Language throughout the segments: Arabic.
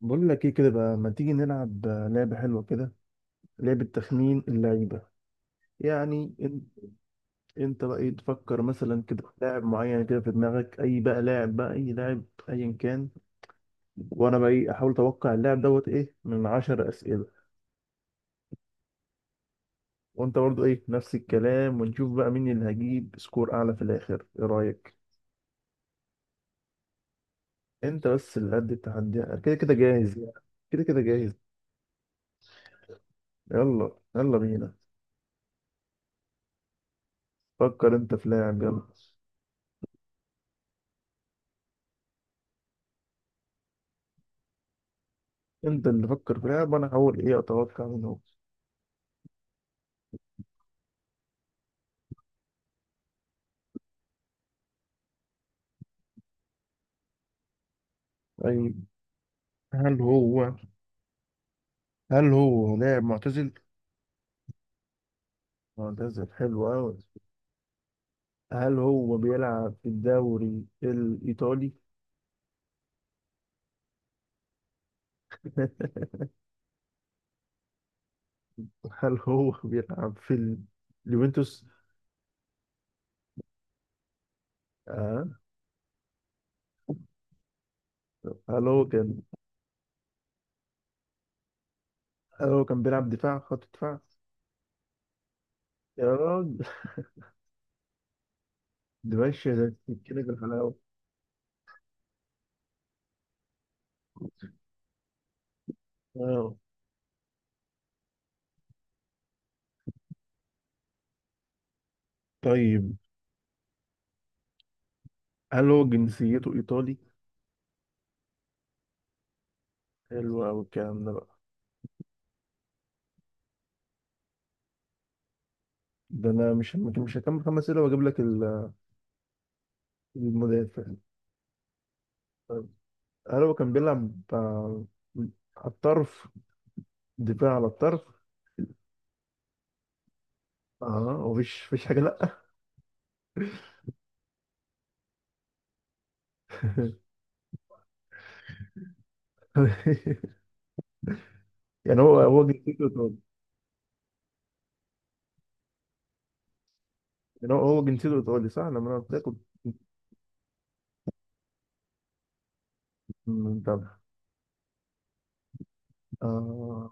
بقول لك ايه كده بقى، ما تيجي نلعب لعبة حلوة كده؟ لعبة تخمين اللعيبة. يعني انت بقى ايه تفكر مثلا كده في لاعب معين كده في دماغك، اي بقى لاعب، بقى اي لاعب ايا كان. وانا بقى ايه احاول اتوقع اللاعب دوت ايه من 10 اسئلة. وانت برضو ايه نفس الكلام، ونشوف بقى مين اللي هجيب سكور اعلى في الاخر، ايه رأيك؟ انت بس اللي قد التحدي، كده كده جاهز يعني، كده كده جاهز. يلا يلا بينا، فكر انت في لاعب يلا. انت اللي فكر في لاعب وانا هحاول ايه اتوقع منه. طيب، هل هو هل هو لاعب معتزل؟ معتزل، حلو أوي. هل هو بيلعب في الدوري الإيطالي؟ هل هو بيلعب في اليوفنتوس؟ آه. هل هو كان هل هو كان بيلعب دفاع، خط دفاع؟ يا راجل، ده ماشي ده كده بالحلاوة. آه. طيب، هل هو جنسيته إيطالي؟ حلو أوي الكلام ده بقى. ده أنا مش هكمل 5 أسئلة وأجيب لك المدافع. طيب. هل هو كان بيلعب، آه، على الطرف، دفاع على الطرف؟ اه، ومفيش مفيش حاجه، لا. يعني هو جنسيته ايطالي. يعني هو جنسيته ايطالي صح؟ لما انا قلت لك كنت متابع. اه.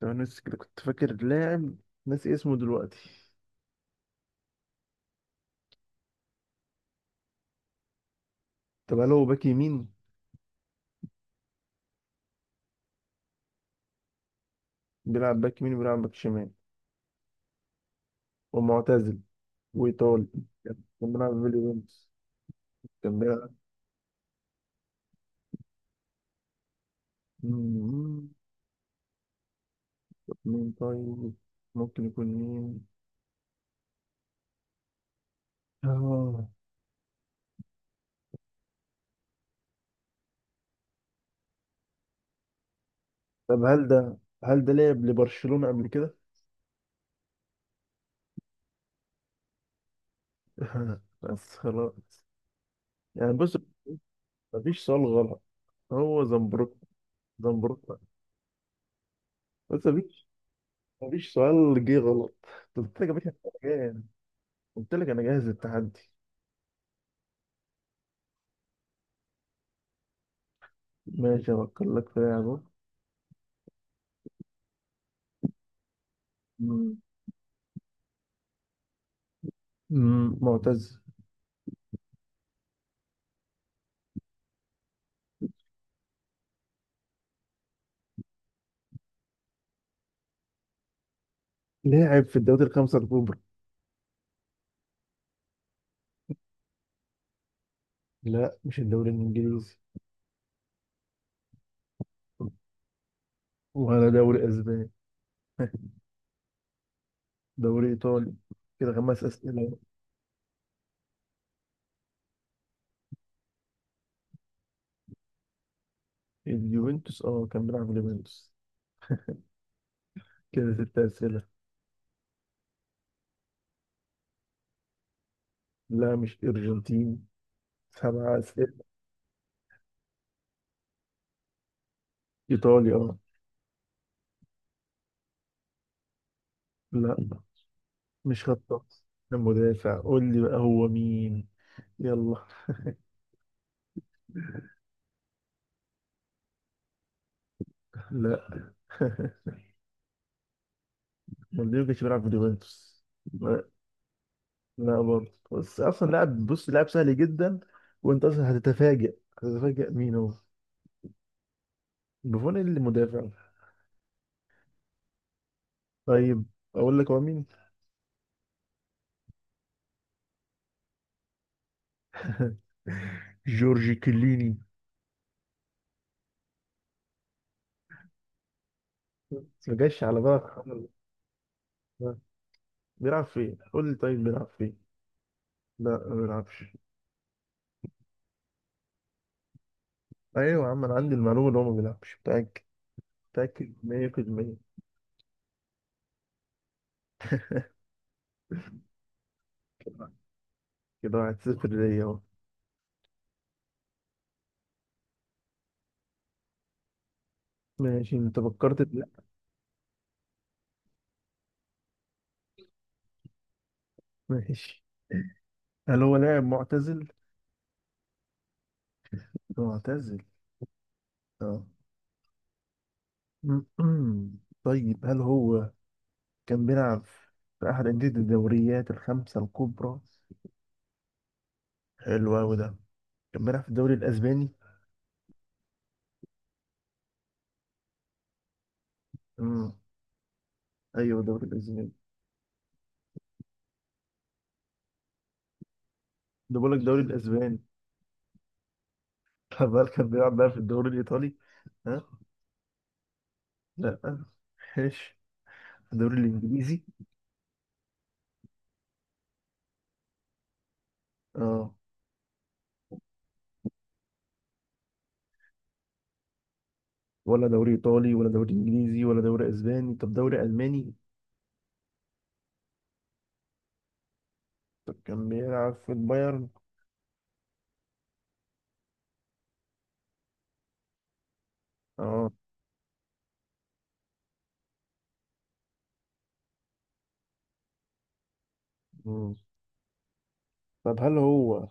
طب انا نسي كده، كنت فاكر لاعب ناسي اسمه دلوقتي. طب هل هو باك يمين؟ بيلعب باك يمين وبيلعب باك شمال، ومعتزل، وايطالي. كان كان بيلعب في اليوفنتوس. كان بيلعب، مم، مين طيب؟ ممكن يكون مين؟ اه. طب هل ده لعب لبرشلونة قبل كده؟ بس خلاص، يعني بص، مفيش سؤال غلط. هو زنبروك. زنبروك. بس مفيش، سؤال جه غلط. قلت لك يا باشا أنا جاهز، قلت لك انا جاهز للتحدي. ماشي، افكر لك في لاعب أهو. مم، معتز. لاعب في الدوري الخمسة الكبرى. لا، مش الدوري الانجليزي. ولا دوري اسباني. دوري ايطالي. كده 5 اسئله. اليوفنتوس، اه، كان بيلعب في اليوفنتوس. كده 6 اسئله. لا مش ارجنتين. 7 اسئلة. ايطاليا، اه. لا، مش خطاط. كان مدافع. قول لي بقى هو مين، يلا. لا. مالديني ما كانش بيلعب في اليوفنتوس. لا. لا برضه. بس اصلا لاعب، بص لاعب سهل جدا. وانت اصلا هتتفاجئ مين هو. بوفون اللي مدافع؟ طيب، اقول لك هو مين. جورجي كليني. ما جاش على بالك خالص. بيلعب فين؟ قول لي طيب، بيلعب فين؟ لا، ما بيلعبش. ايوه يا عم، انا عندي المعلومه اللي هو ما بيلعبش، متاكد. متاكد 100%. كده 1-0 ليا اهو. ماشي، انت فكرت لا. ماشي. هل هو لاعب معتزل؟ معتزل. اه. طيب، هل هو كان بيلعب في احد انديه الدوريات الخمسه الكبرى؟ حلو قوي ده. كان بيلعب في الدوري الاسباني؟ امم، ايوه الدوري الاسباني. ده بقول لك الدوري الاسباني. طب هل كان بيلعب بقى في الدوري الايطالي؟ ها. لا. ماشي. الدوري الانجليزي؟ اه. ولا دوري ايطالي، ولا دوري انجليزي، ولا دوري اسباني. طب دوري الماني؟ طب كان بيلعب في البايرن؟ اه. مم. طب هل هو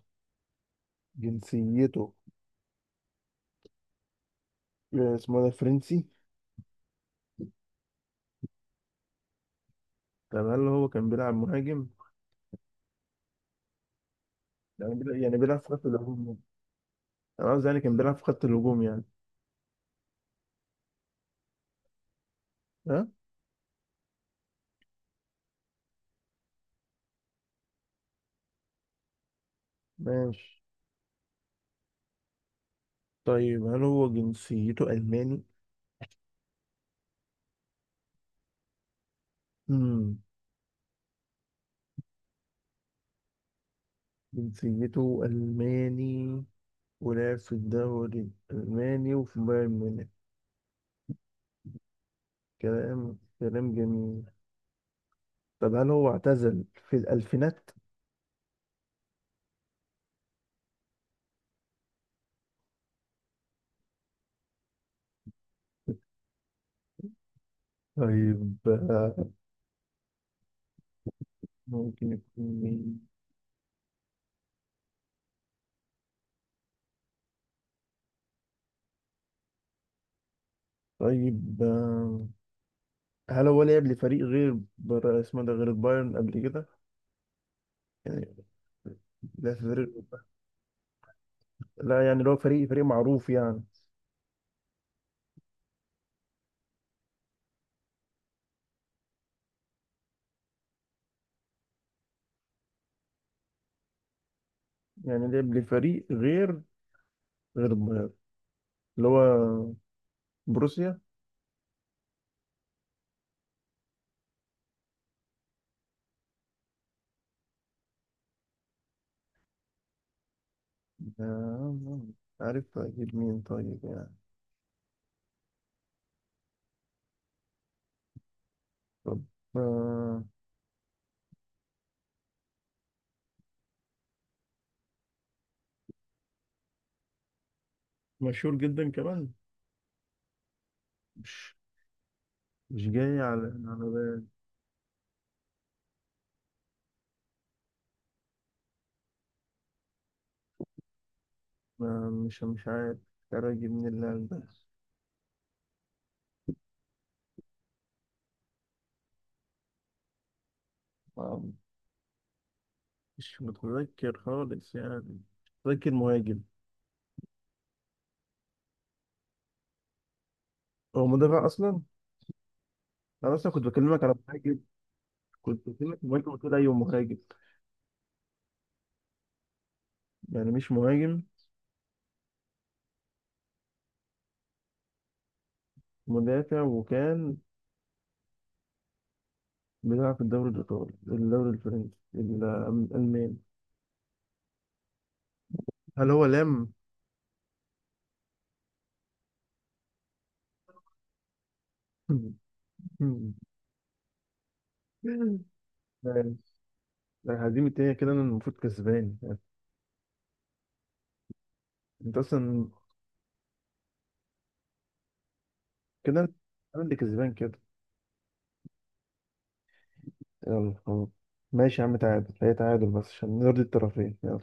جنسيته آه، اسمه ده فرنسي؟ طب هل هو كان بيلعب مهاجم؟ يعني بيلعب في خط الهجوم يعني. انا قصدي يعني كان بيلعب في خط الهجوم يعني. ها. ماشي. طيب، هل هو جنسيته الماني؟ امم. جنسيته الماني، ولعب في الدوري الالماني وفي بايرن ميونخ. كلام جميل. طب هل هو اعتزل في الألفينات؟ طيب، آه، ممكن يكون مين؟ طيب، آه، هل هو لعب لفريق غير اسمه ده غير البايرن قبل كده؟ يعني لا، في فريق، لا يعني اللي هو فريق معروف يعني. يعني لعب لفريق غير، غير البايرن اللي هو بروسيا؟ آه، عارف أجيب مين طيب يعني. طب آه، مشهور جدا كمان. مش مش جاي على بالي. آه، مش عارف، مش عارف أجيب مين اللاعب ده. آه، مش متذكر خالص يعني. متذكر مهاجم. هو مدافع اصلا. انا اصلا كنت بكلمك على مهاجم. كنت بكلمك مهاجم وتقول ايوه مهاجم. يعني مش مهاجم. مدافع، وكان بيلعب في الدوري الايطالي، الدوري الفرنسي، الالماني. هل هو لام؟ ماشي. هزيمة ايه كده؟ انا المفروض كسبان. انت اصلا كده. انا اللي كسبان كده. يلا خلاص، ماشي يا عم، تعادل هي تعادل، بس عشان نرضي الطرفين، يلا.